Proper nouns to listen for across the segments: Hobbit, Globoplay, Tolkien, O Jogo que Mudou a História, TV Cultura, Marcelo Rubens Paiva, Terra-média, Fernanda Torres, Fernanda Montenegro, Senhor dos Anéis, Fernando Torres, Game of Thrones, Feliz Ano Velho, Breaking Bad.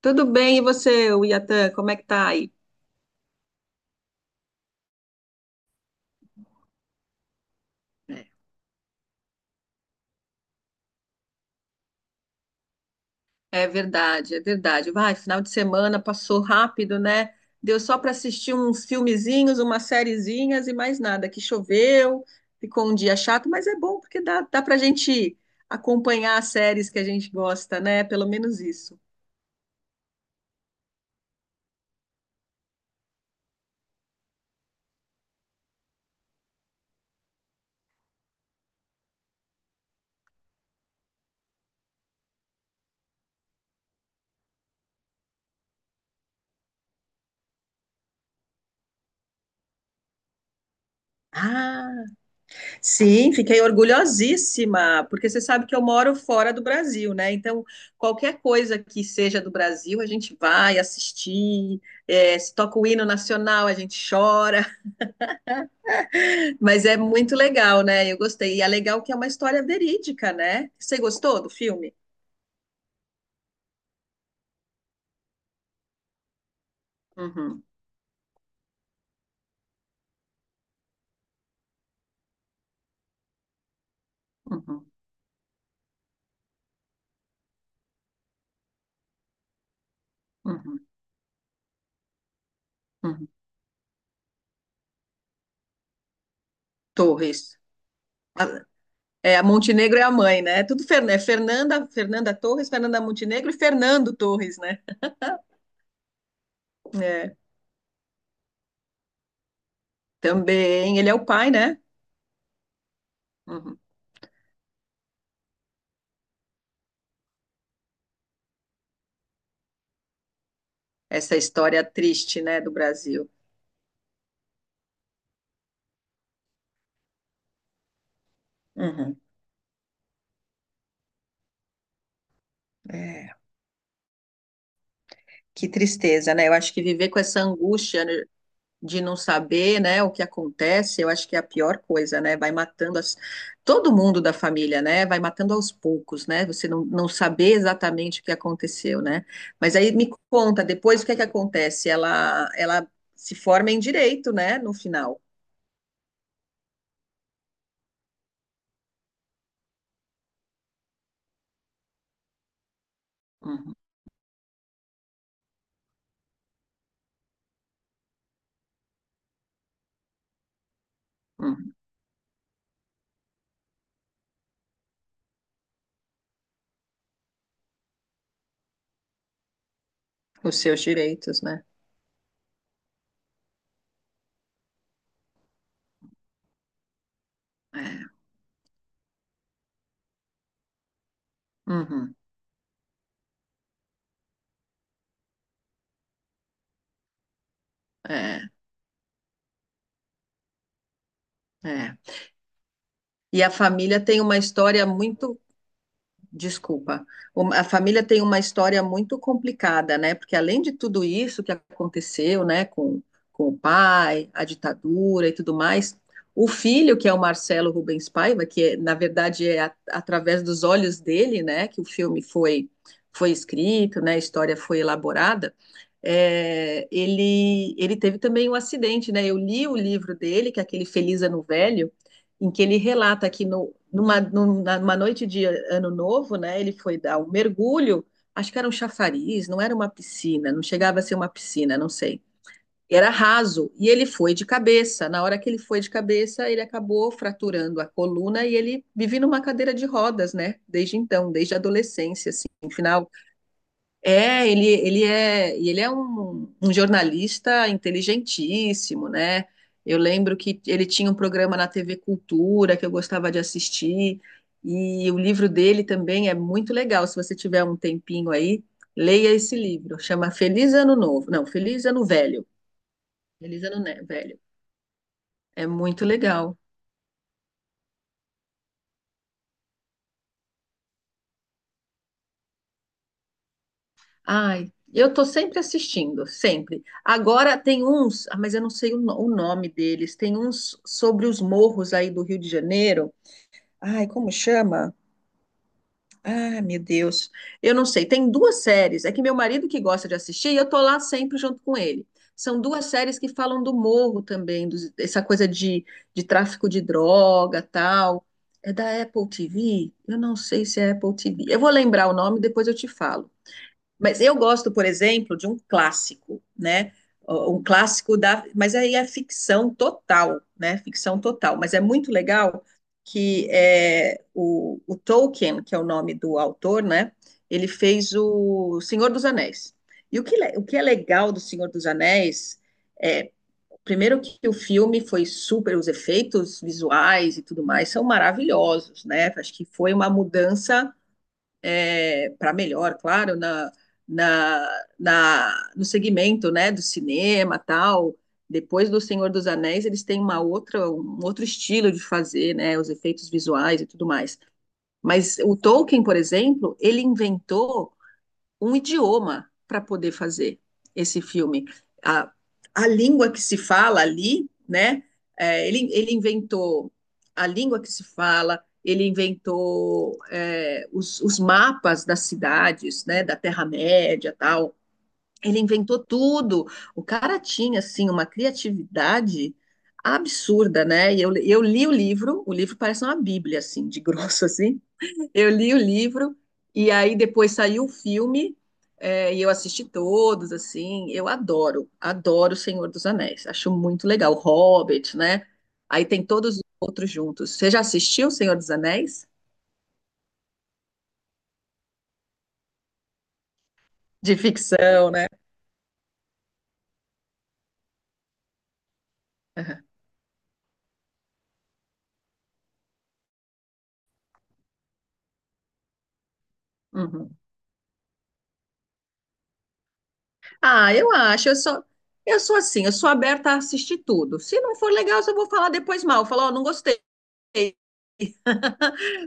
Tudo bem, e você, o Iatan, como é que tá aí? É. É verdade, é verdade. Vai, final de semana passou rápido, né? Deu só para assistir uns filmezinhos, umas sériezinhas e mais nada. Que choveu, ficou um dia chato, mas é bom porque dá para a gente acompanhar as séries que a gente gosta, né? Pelo menos isso. Ah. Sim, fiquei orgulhosíssima, porque você sabe que eu moro fora do Brasil, né? Então, qualquer coisa que seja do Brasil, a gente vai assistir, se toca o hino nacional, a gente chora, mas é muito legal, né? Eu gostei. E é legal que é uma história verídica, né? Você gostou do filme? Uhum, uhum, uhum, uhum. Torres. A- É, a Montenegro é a mãe, né? É tudo Fer- é Fernanda, Fernanda Torres, Fernanda Montenegro e Fernando Torres, né? É, também, ele é o pai, né? Uhum. Essa história triste, né, do Brasil. Uhum. É, que tristeza, né? Eu acho que viver com essa angústia de não saber, né, o que acontece, eu acho que é a pior coisa, né? Vai matando as... todo mundo da família, né? Vai matando aos poucos, né? Você não saber exatamente o que aconteceu, né? Mas aí me conta depois o que é que acontece. Ela se forma em direito, né? No final. Uhum, uhum. Os seus direitos, né? É, uhum, é, é. E a família tem uma história muito, desculpa, um- a família tem uma história muito complicada, né? Porque além de tudo isso que aconteceu, né, com o pai, a ditadura e tudo mais, o filho, que é o Marcelo Rubens Paiva, que é, na verdade é a- através dos olhos dele, né, que o filme foi, foi escrito, né, a história foi elaborada, ele teve também um acidente, né? Eu li o livro dele, que é aquele Feliz Ano Velho, em que ele relata que no, numa, numa noite de ano novo, né, ele foi dar um mergulho, acho que era um chafariz, não era uma piscina, não chegava a ser uma piscina, não sei. Era raso e ele foi de cabeça. Na hora que ele foi de cabeça, ele acabou fraturando a coluna e ele vive numa cadeira de rodas, né? Desde então, desde a adolescência, assim, no final ele é um jornalista inteligentíssimo, né? Eu lembro que ele tinha um programa na TV Cultura que eu gostava de assistir, e o livro dele também é muito legal. Se você tiver um tempinho aí, leia esse livro. Chama Feliz Ano Novo. Não, Feliz Ano Velho. Feliz Ano Ne- Velho. É muito legal. Ai, eu tô sempre assistindo, sempre. Agora tem uns, ah, mas eu não sei o, no- o nome deles. Tem uns sobre os morros aí do Rio de Janeiro. Ai, como chama? Ai, meu Deus. Eu não sei. Tem duas séries. É que meu marido que gosta de assistir, e eu tô lá sempre junto com ele. São duas séries que falam do morro também, dos- essa coisa de tráfico de droga, tal. É da Apple TV? Eu não sei se é Apple TV. Eu vou lembrar o nome, depois eu te falo. Mas eu gosto, por exemplo, de um clássico, né? Um clássico da. Mas aí é ficção total, né? Ficção total. Mas é muito legal que é, o Tolkien, que é o nome do autor, né? Ele fez o Senhor dos Anéis. E o que, le- o que é legal do Senhor dos Anéis é, primeiro que o filme foi super, os efeitos visuais e tudo mais são maravilhosos, né? Acho que foi uma mudança é, para melhor, claro, no segmento, né, do cinema, tal. Depois do Senhor dos Anéis, eles têm uma outra, um outro estilo de fazer, né, os efeitos visuais e tudo mais. Mas o Tolkien, por exemplo, ele inventou um idioma para poder fazer esse filme. A, a língua que se fala ali, né? É, ele inventou a língua que se fala, ele inventou é, mapas das cidades, né, da Terra-média e tal. Ele inventou tudo. O cara tinha, assim, uma criatividade absurda, né? E eu li o livro parece uma bíblia, assim, de grosso, assim, eu li o livro e aí depois saiu o filme é, e eu assisti todos, assim. Eu adoro, adoro O Senhor dos Anéis. Acho muito legal. Hobbit, né? Aí tem todos os outros juntos. Você já assistiu O Senhor dos Anéis? De ficção, né? Aham. Uhum. Ah, eu acho, eu sou assim, eu sou aberta a assistir tudo. Se não for legal, eu só vou falar depois mal, falar, ó, não gostei.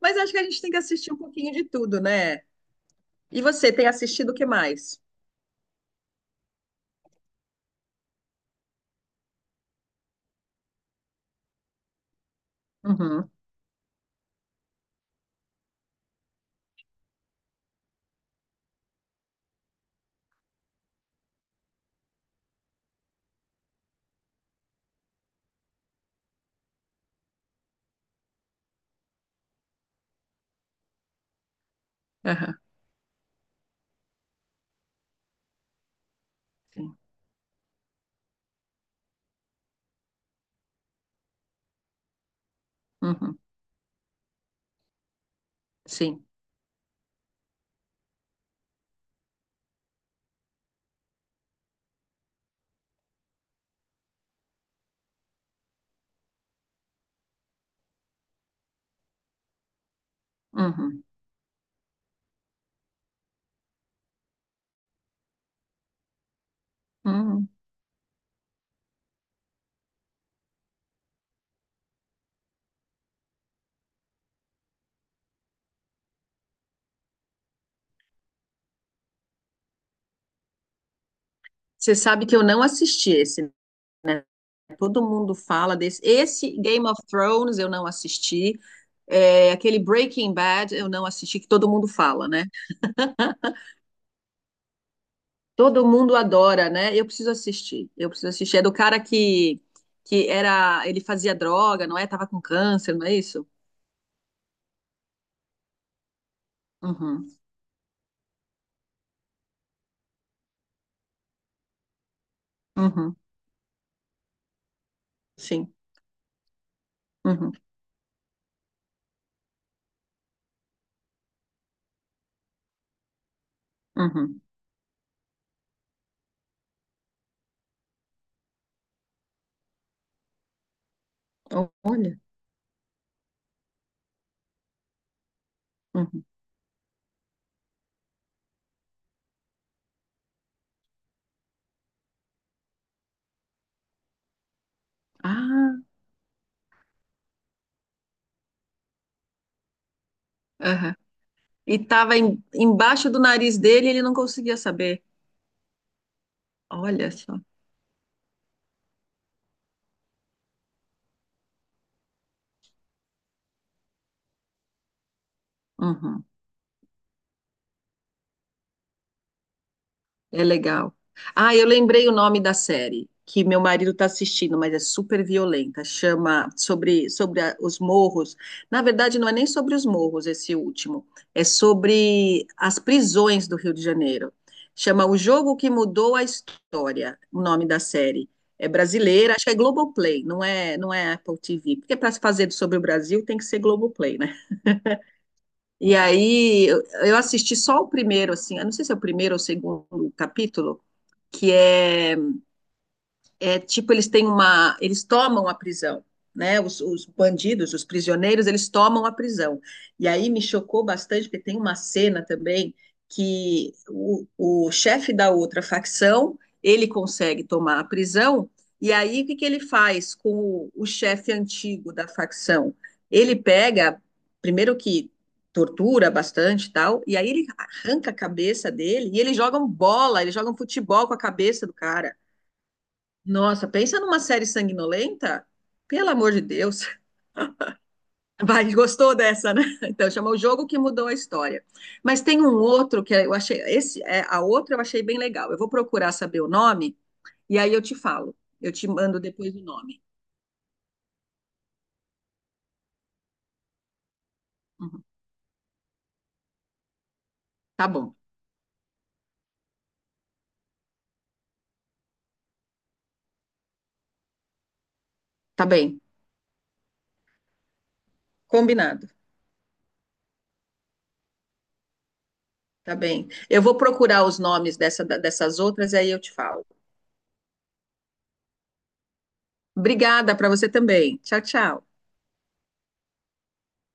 Mas acho que a gente tem que assistir um pouquinho de tudo, né? E você tem assistido o que mais? Uhum, aham, uhum, sim. Uhum, uhum. Você sabe que eu não assisti esse, né? Todo mundo fala desse. Esse Game of Thrones eu não assisti. É, aquele Breaking Bad eu não assisti, que todo mundo fala, né? Todo mundo adora, né? Eu preciso assistir. Eu preciso assistir. É do cara que era. Ele fazia droga, não é? Tava com câncer, não é isso? Uhum, uhum, sim. Uhum, uhum. Olha. Uhum. Ah, aham. E estava embaixo do nariz dele e ele não conseguia saber. Olha só. Uhum. É legal. Ah, eu lembrei o nome da série que meu marido está assistindo, mas é super violenta. Chama sobre, sobre a- os morros. Na verdade, não é nem sobre os morros esse último. É sobre as prisões do Rio de Janeiro. Chama O Jogo que Mudou a História, o nome da série. É brasileira, acho que é Globoplay, não é, não é Apple TV. Porque para se fazer sobre o Brasil tem que ser Globoplay, né? E aí eu assisti só o primeiro, assim, eu não sei se é o primeiro ou o segundo capítulo, que é é, tipo, eles têm uma. Eles tomam a prisão. Né, bandidos, os prisioneiros, eles tomam a prisão. E aí me chocou bastante, porque tem uma cena também que o chefe da outra facção ele consegue tomar a prisão, e aí o que, que ele faz com o chefe antigo da facção? Ele pega, primeiro que tortura bastante e tal, e aí ele arranca a cabeça dele e eles jogam bola, eles jogam futebol com a cabeça do cara. Nossa, pensa numa série sanguinolenta? Pelo amor de Deus. Vai, gostou dessa, né? Então, chama O Jogo que Mudou a História. Mas tem um outro que eu achei, esse, é, a outra eu achei bem legal. Eu vou procurar saber o nome e aí eu te falo. Eu te mando depois o nome. Uhum. Tá bom, tá bem. Combinado, tá bem. Eu vou procurar os nomes dessa, dessas outras e aí eu te falo. Obrigada para você também. Tchau, tchau.